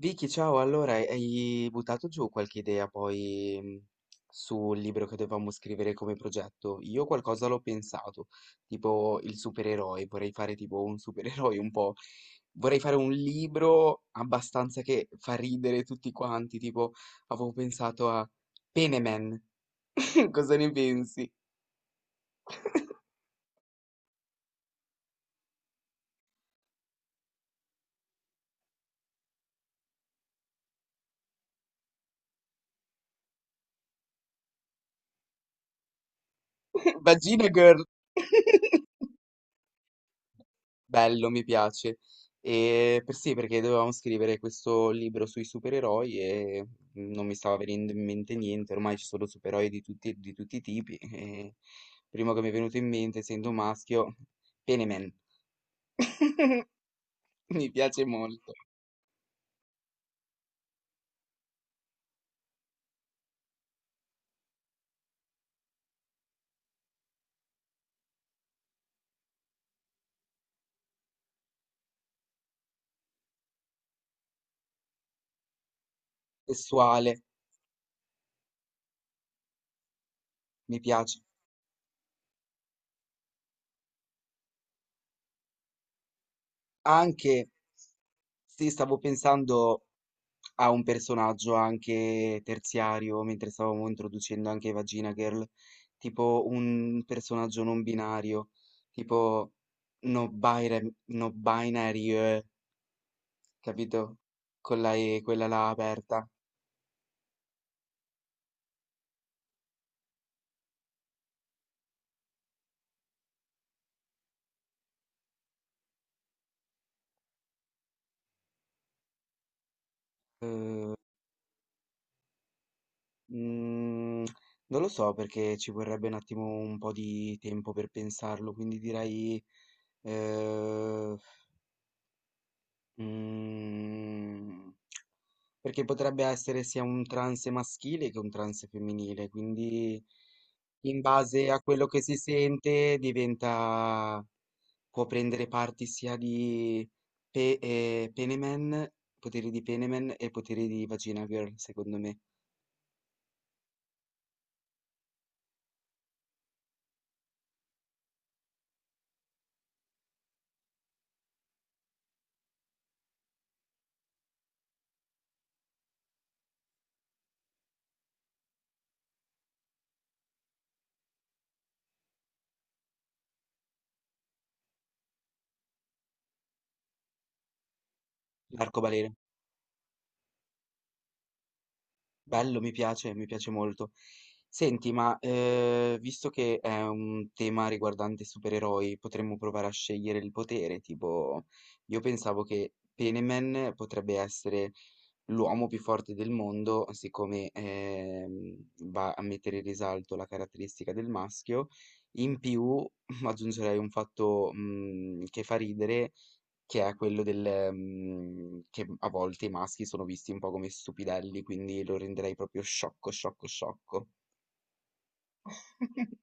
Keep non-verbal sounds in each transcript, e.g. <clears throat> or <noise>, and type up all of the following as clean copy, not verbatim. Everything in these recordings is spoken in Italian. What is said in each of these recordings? Vicky, ciao, allora hai buttato giù qualche idea poi sul libro che dovevamo scrivere come progetto? Io qualcosa l'ho pensato, tipo il supereroe, vorrei fare tipo un supereroe un po', vorrei fare un libro abbastanza che fa ridere tutti quanti, tipo avevo pensato a Peneman, <laughs> cosa ne pensi? <laughs> Vagina Girl! <laughs> Bello, mi piace. E per sì, perché dovevamo scrivere questo libro sui supereroi e non mi stava venendo in mente niente, ormai ci sono supereroi di tutti i tipi. E il primo che mi è venuto in mente, essendo maschio, Peneman, <laughs> mi piace molto. Sessuale, mi piace. Anche, sì, stavo pensando ha un personaggio anche terziario, mentre stavamo introducendo anche Vagina Girl, tipo un personaggio non binario, tipo no binary, no binary, capito? Con la E, quella là aperta. Mm, non lo so perché ci vorrebbe un attimo un po' di tempo per pensarlo, quindi direi... eh, mm, perché potrebbe essere sia un trance maschile che un trance femminile, quindi in base a quello che si sente diventa, può prendere parti sia di Peneman, poteri di Peneman e poteri di Vagina Girl, secondo me, l'arcobaleno. Bello, mi piace molto. Senti, ma visto che è un tema riguardante supereroi, potremmo provare a scegliere il potere, tipo, io pensavo che Peneman potrebbe essere l'uomo più forte del mondo, siccome va a mettere in risalto la caratteristica del maschio, in più <laughs> aggiungerei un fatto che fa ridere, che è quello del, che a volte i maschi sono visti un po' come stupidelli, quindi lo renderei proprio sciocco, sciocco, sciocco. <laughs>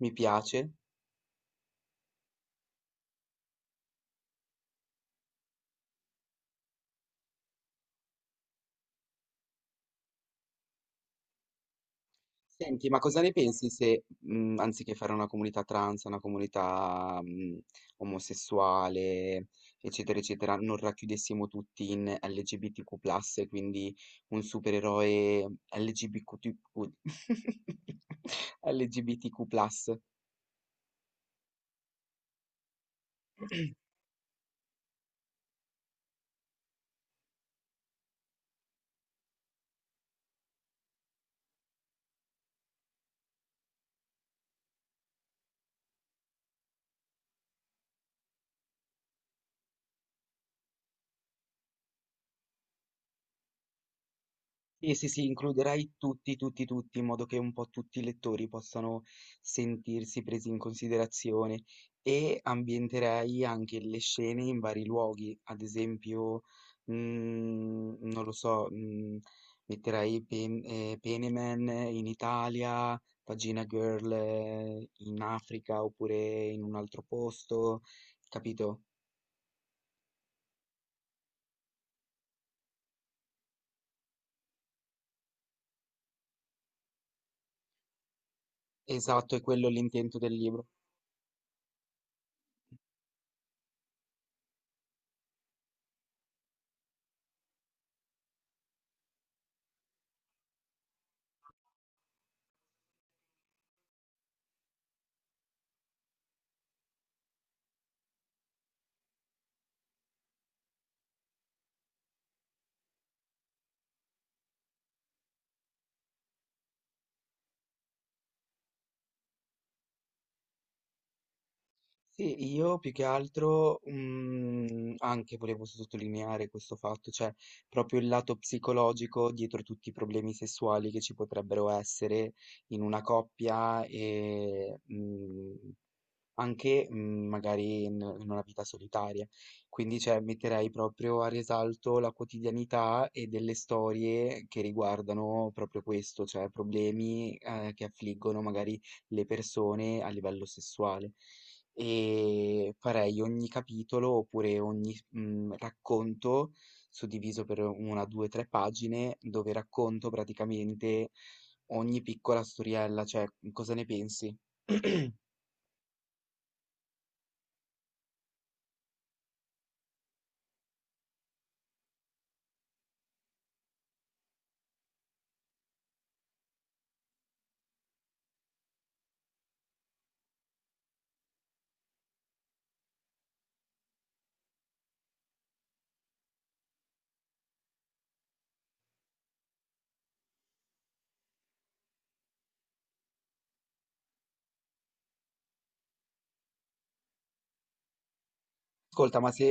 Mi piace. Senti, ma cosa ne pensi se, anziché fare una comunità trans, una comunità, omosessuale, eccetera, eccetera, non racchiudessimo tutti in LGBTQ+, e quindi un supereroe LGBTQ, LGBTQ+, <laughs> Sì, sì, sì, includerai tutti, tutti, tutti, in modo che un po' tutti i lettori possano sentirsi presi in considerazione e ambienterei anche le scene in vari luoghi, ad esempio, mm, non lo so, mm, metterai Peneman in Italia, Pagina Girl in Africa oppure in un altro posto, capito? Esatto, è quello l'intento del libro. Sì, io più che altro anche volevo sottolineare questo fatto, cioè proprio il lato psicologico dietro tutti i problemi sessuali che ci potrebbero essere in una coppia anche magari in una vita solitaria. Quindi, cioè, metterei proprio a risalto la quotidianità e delle storie che riguardano proprio questo, cioè problemi che affliggono magari le persone a livello sessuale. E farei ogni capitolo oppure ogni racconto suddiviso per una, due, tre pagine dove racconto praticamente ogni piccola storiella, cioè cosa ne pensi? <clears throat> Ascolta, ma se,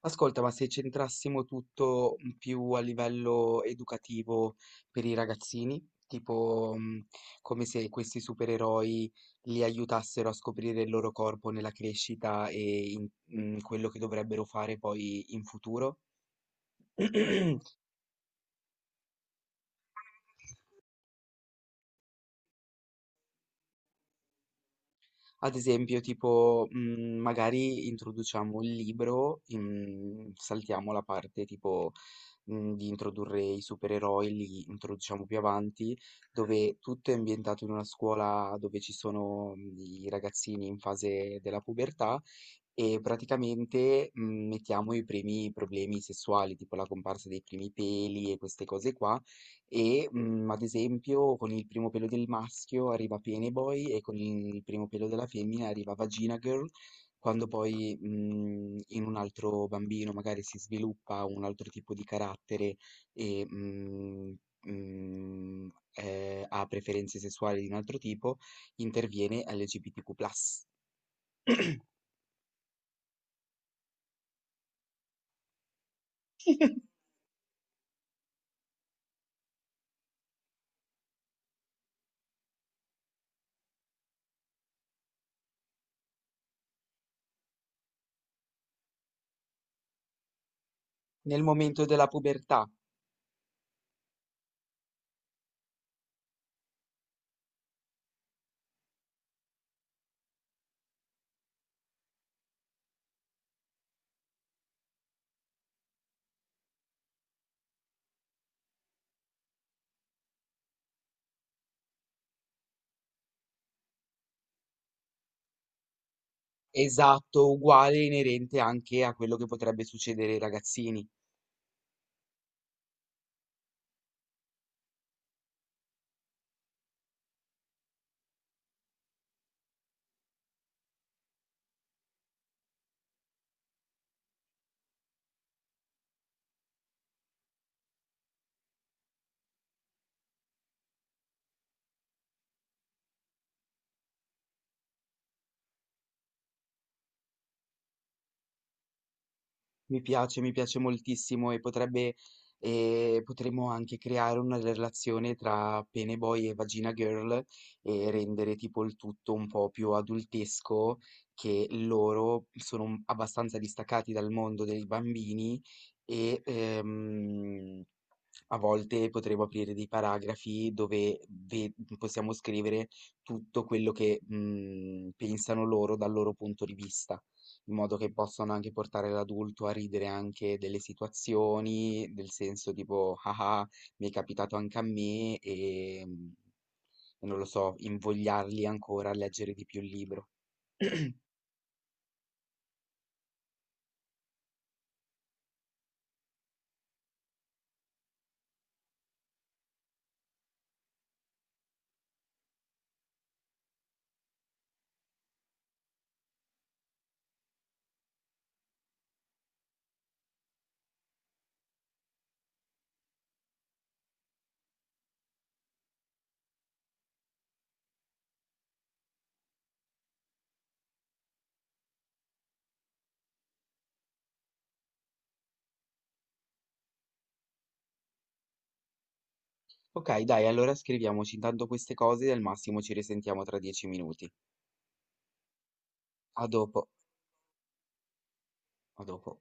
Ascolta, ma se centrassimo tutto più a livello educativo per i ragazzini, tipo come se questi supereroi li aiutassero a scoprire il loro corpo nella crescita in quello che dovrebbero fare poi in futuro. Ad esempio, tipo, magari introduciamo il libro, in saltiamo la parte tipo, di introdurre i supereroi, li introduciamo più avanti, dove tutto è ambientato in una scuola dove ci sono i ragazzini in fase della pubertà e praticamente, mettiamo i primi problemi sessuali, tipo la comparsa dei primi peli e queste cose qua, ad esempio, con il primo pelo del maschio arriva Penneboy e con il primo pelo della femmina arriva Vagina Girl, quando poi, in un altro bambino magari si sviluppa un altro tipo di carattere e, mhmm, mhmm, ha preferenze sessuali di un altro tipo, interviene LGBTQ+. Nel momento della pubertà, esatto, uguale, inerente anche a quello che potrebbe succedere ai ragazzini. Mi piace moltissimo e potrebbe, potremmo anche creare una relazione tra Pene Boy e Vagina Girl e rendere tipo il tutto un po' più adultesco, che loro sono abbastanza distaccati dal mondo dei bambini e a volte potremmo aprire dei paragrafi dove possiamo scrivere tutto quello che pensano loro dal loro punto di vista in modo che possano anche portare l'adulto a ridere anche delle situazioni, del senso tipo, ah ah, mi è capitato anche a me e non lo so, invogliarli ancora a leggere di più il libro. Ok, dai, allora scriviamoci intanto queste cose e al massimo ci risentiamo tra 10 minuti. A dopo, a dopo.